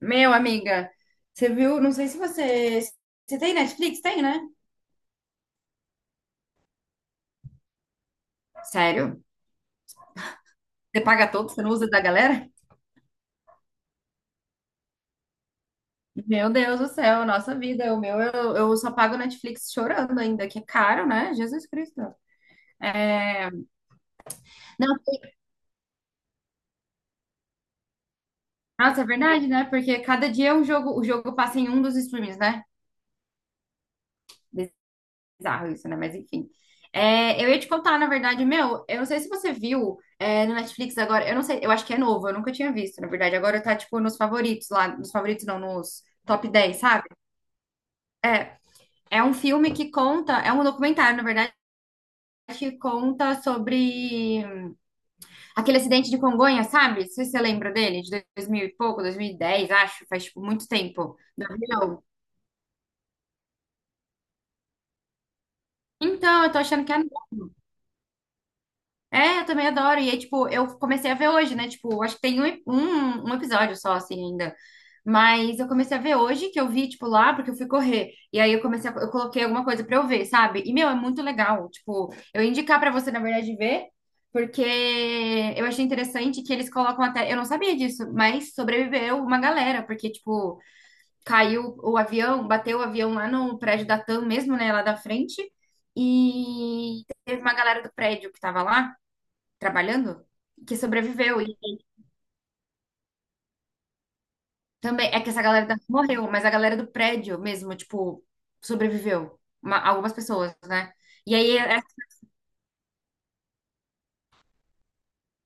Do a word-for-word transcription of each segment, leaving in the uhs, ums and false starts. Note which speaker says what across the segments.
Speaker 1: Meu, amiga, você viu? Não sei se você. Você tem Netflix? Tem, né? Sério? Você paga todo? Você não usa da galera? Meu Deus do céu, nossa vida. O meu, eu, eu só pago Netflix chorando ainda, que é caro, né? Jesus Cristo. É... Não, nossa, é verdade, né? Porque cada dia o jogo, o jogo passa em um dos streams, né? Bizarro isso, né? Mas enfim. É, eu ia te contar, na verdade, meu, eu não sei se você viu é, no Netflix agora, eu não sei, eu acho que é novo, eu nunca tinha visto, na verdade. Agora tá, tipo, nos favoritos lá, nos favoritos não, nos top dez, sabe? É, é um filme que conta, é um documentário, na verdade, que conta sobre aquele acidente de Congonhas, sabe? Não sei se você lembra dele, de dois mil e pouco, dois mil e dez acho, faz, tipo, muito tempo, do avião. Então, eu tô achando que é. É, eu também adoro. E aí, tipo, eu comecei a ver hoje, né? Tipo, acho que tem um, um, um episódio só, assim, ainda. Mas eu comecei a ver hoje, que eu vi, tipo, lá, porque eu fui correr. E aí eu comecei a, eu coloquei alguma coisa pra eu ver, sabe? E, meu, é muito legal. Tipo, eu ia indicar pra você, na verdade, ver, porque eu achei interessante que eles colocam até. Eu não sabia disso, mas sobreviveu uma galera, porque, tipo, caiu o avião, bateu o avião lá no prédio da TAM mesmo, né? Lá da frente. E teve uma galera do prédio que tava lá trabalhando, que sobreviveu. E também é que essa galera da- morreu, mas a galera do prédio mesmo, tipo, sobreviveu. Uma- algumas pessoas, né? E aí é,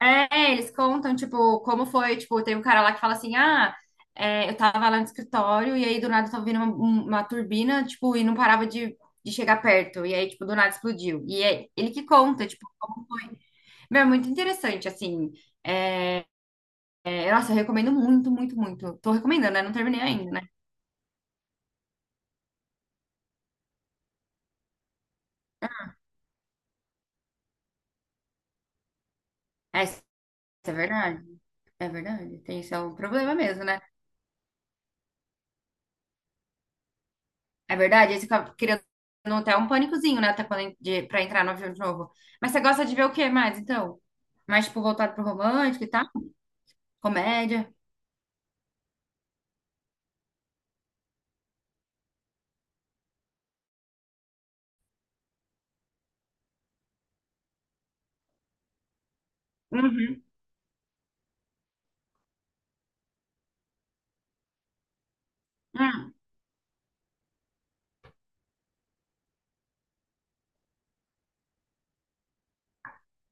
Speaker 1: é, é, eles contam, tipo, como foi, tipo, tem um cara lá que fala assim, ah, é, eu tava lá no escritório e aí do nada tava vindo uma, um- uma turbina, tipo, e não parava de, de chegar perto. E aí, tipo, do nada explodiu. E é ele que conta, tipo, como foi. Meu, é muito interessante, assim. É, nossa, eu recomendo muito, muito, muito. Tô recomendando, né? Não terminei ainda, né? É é verdade. É verdade. Tem esse é o problema mesmo, né? É verdade, aí você fica criando até um pânicozinho, né? Até quando, en- de, pra entrar no avião de novo. Mas você gosta de ver o que mais, então? Mais, tipo, voltado pro romântico e tal? Comédia? Uhum. Hum.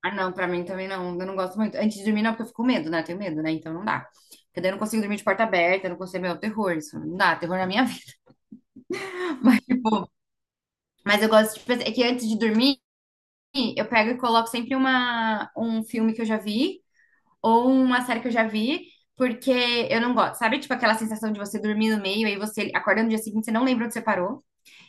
Speaker 1: Ah, não, pra mim também não. Eu não gosto muito. Antes de dormir, não, porque eu fico com medo, né? Tenho medo, né? Então não dá. Porque daí eu não consigo dormir de porta aberta, eu não consigo, meu, terror, isso não dá, terror na minha vida. Mas, tipo, mas eu gosto de pensar, é que antes de dormir, eu pego e coloco sempre uma, um filme que eu já vi, ou uma série que eu já vi, porque eu não gosto. Sabe, tipo, aquela sensação de você dormir no meio, aí você acorda no dia seguinte, você não lembra onde você parou,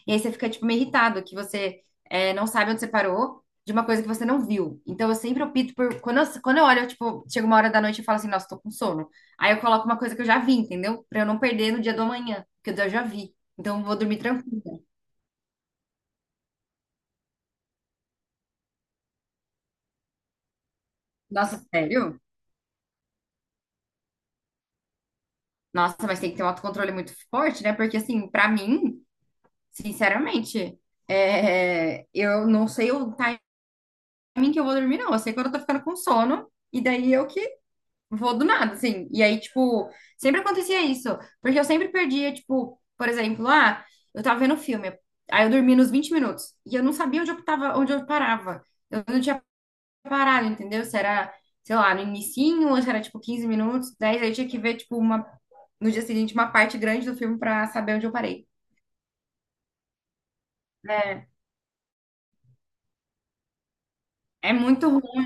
Speaker 1: e aí você fica, tipo, meio irritado, que você é, não sabe onde você parou de uma coisa que você não viu. Então, eu sempre opto por... Quando eu, quando eu olho, eu, tipo, chega uma hora da noite e falo assim, nossa, tô com sono. Aí eu coloco uma coisa que eu já vi, entendeu? Pra eu não perder no dia do amanhã, porque eu já vi. Então, eu vou dormir tranquila. Nossa, sério? Nossa, mas tem que ter um autocontrole muito forte, né? Porque, assim, pra mim... Sinceramente, é, eu não sei o timing que eu vou dormir, não. Eu sei quando eu tô ficando com sono, e daí eu que vou do nada, assim. E aí, tipo, sempre acontecia isso, porque eu sempre perdia, tipo, por exemplo, ah, eu tava vendo um filme, aí eu dormi nos vinte minutos, e eu não sabia onde eu tava, onde eu parava. Eu não tinha parado, entendeu? Se era, sei lá, no inicinho, ou se era, tipo, quinze minutos, dez aí eu tinha que ver, tipo, uma, no dia seguinte, uma parte grande do filme pra saber onde eu parei. É, é muito ruim.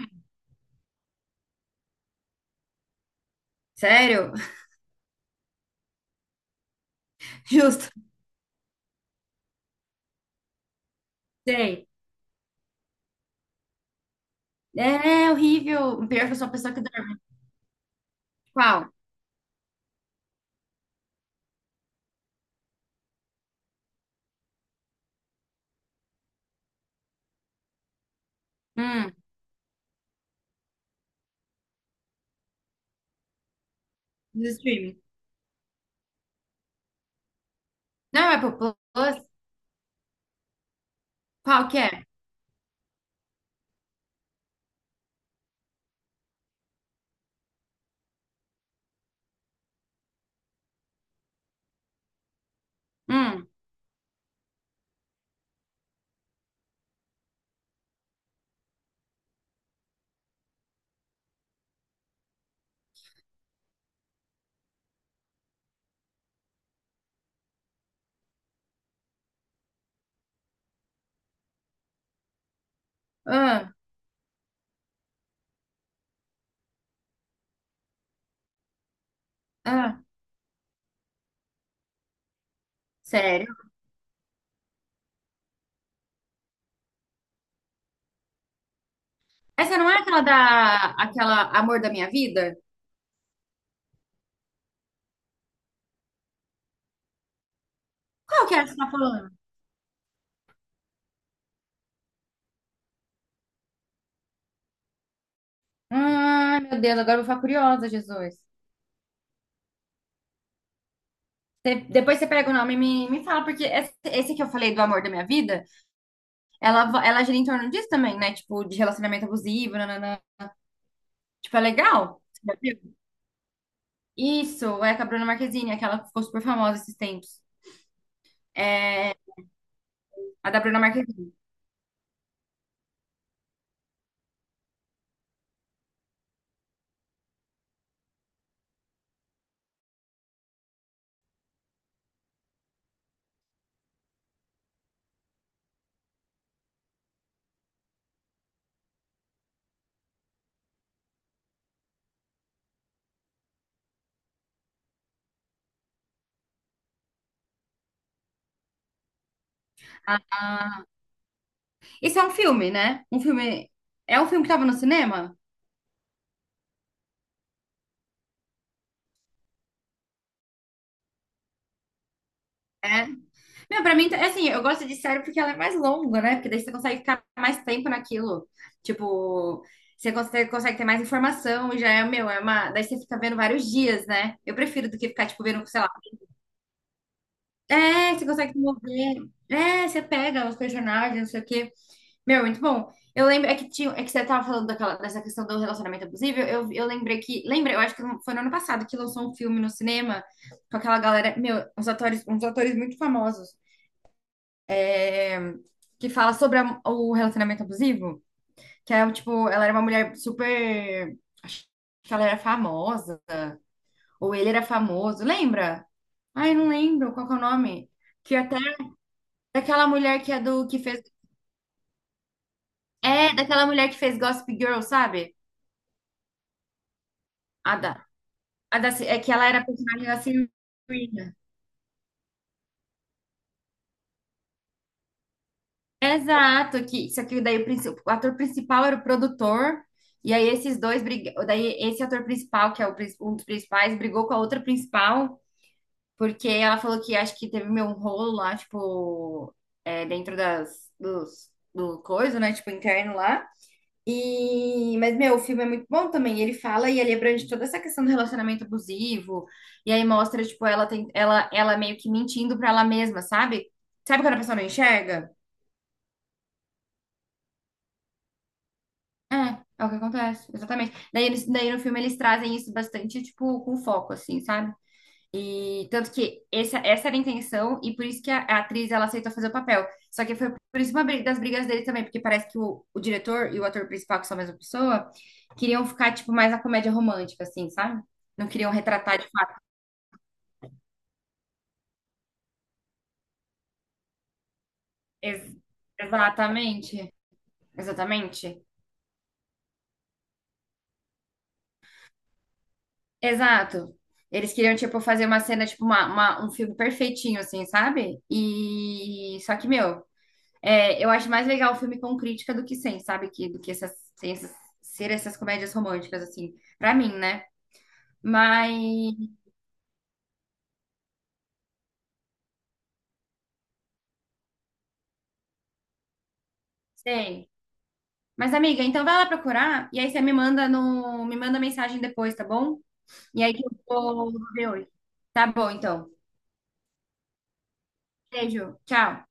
Speaker 1: Sério, justo. Sei. É é horrível. O pior é que eu sou uma pessoa que dorme. Qual? Hum, do streaming. Não é Apple Plus? Qual que é? Hum, ah, ah. Sério? Essa não é aquela da... Aquela Amor da Minha Vida? Qual que é essa que você tá falando? Ai, meu Deus, agora eu vou ficar curiosa, Jesus. Você- depois você pega o nome e me, me fala, porque esse, esse que eu falei do Amor da Minha Vida, ela, va- ela gira em torno disso também, né? Tipo, de relacionamento abusivo, nananã. Tipo, é legal. Isso, é com a Bruna Marquezine, aquela que ficou super famosa esses tempos. É, a da Bruna Marquezine. Ah, ah. Esse é um filme, né? Um filme. É um filme que tava no cinema? É. Meu, pra mim, é assim, eu gosto de série porque ela é mais longa, né? Porque daí você consegue ficar mais tempo naquilo. Tipo, você consegue, consegue ter mais informação e já é, meu, é uma. Daí você fica vendo vários dias, né? Eu prefiro do que ficar, tipo, vendo, sei lá. É, você consegue se mover. É, você pega os personagens, não sei o quê. Meu, muito bom. Eu lembro, é que tinha, é que você tava falando daquela, dessa questão do relacionamento abusivo, eu, eu lembrei que, lembra, eu acho que foi no ano passado que lançou um filme no cinema com aquela galera, meu, uns atores, uns atores muito famosos, é, que fala sobre a- o relacionamento abusivo, que é, tipo, ela era uma mulher super, acho que ela era famosa, ou ele era famoso, lembra? Ai, não lembro qual que é o nome. Que até, daquela mulher que é do, que fez, é, daquela mulher que fez Gossip Girl, sabe? A da. A da, Ci- é que ela era a personagem da Serena. Exato, que só que daí o, princi- o ator principal era o produtor, e aí esses dois briga- daí esse ator principal, que é o prin- um dos principais, brigou com a outra principal, porque ela falou que acho que teve meio um rolo lá, tipo, é, dentro das dos, do coisa, né? Tipo, interno lá. E, mas, meu, o filme é muito bom também. Ele fala e ele abrange toda essa questão do relacionamento abusivo. E aí mostra, tipo, ela tem, ela, ela meio que mentindo pra ela mesma, sabe? Sabe quando a pessoa não enxerga? É, é o que acontece, exatamente. Daí, eles, daí no filme eles trazem isso bastante, tipo, com foco, assim, sabe? E tanto que essa, essa era a intenção, e por isso que a, a atriz ela aceitou fazer o papel. Só que foi por isso uma briga- das brigas dele também, porque parece que o, o diretor e o ator principal, que são a mesma pessoa, queriam ficar, tipo, mais na comédia romântica, assim, sabe? Não queriam retratar de fato. Ex- exatamente. Exatamente. Exato. Eles queriam, tipo, fazer uma cena, tipo, uma, uma- um filme perfeitinho, assim, sabe? E só que, meu. É, eu acho mais legal o filme com crítica do que sem, sabe? Que, do que essas, sem essas- ser essas comédias românticas, assim, pra mim, né? Mas, sei. Mas, amiga, então vai lá procurar e aí você me manda no, me manda mensagem depois, tá bom? E aí que eu vou ver hoje. Tá bom, então. Beijo, tchau.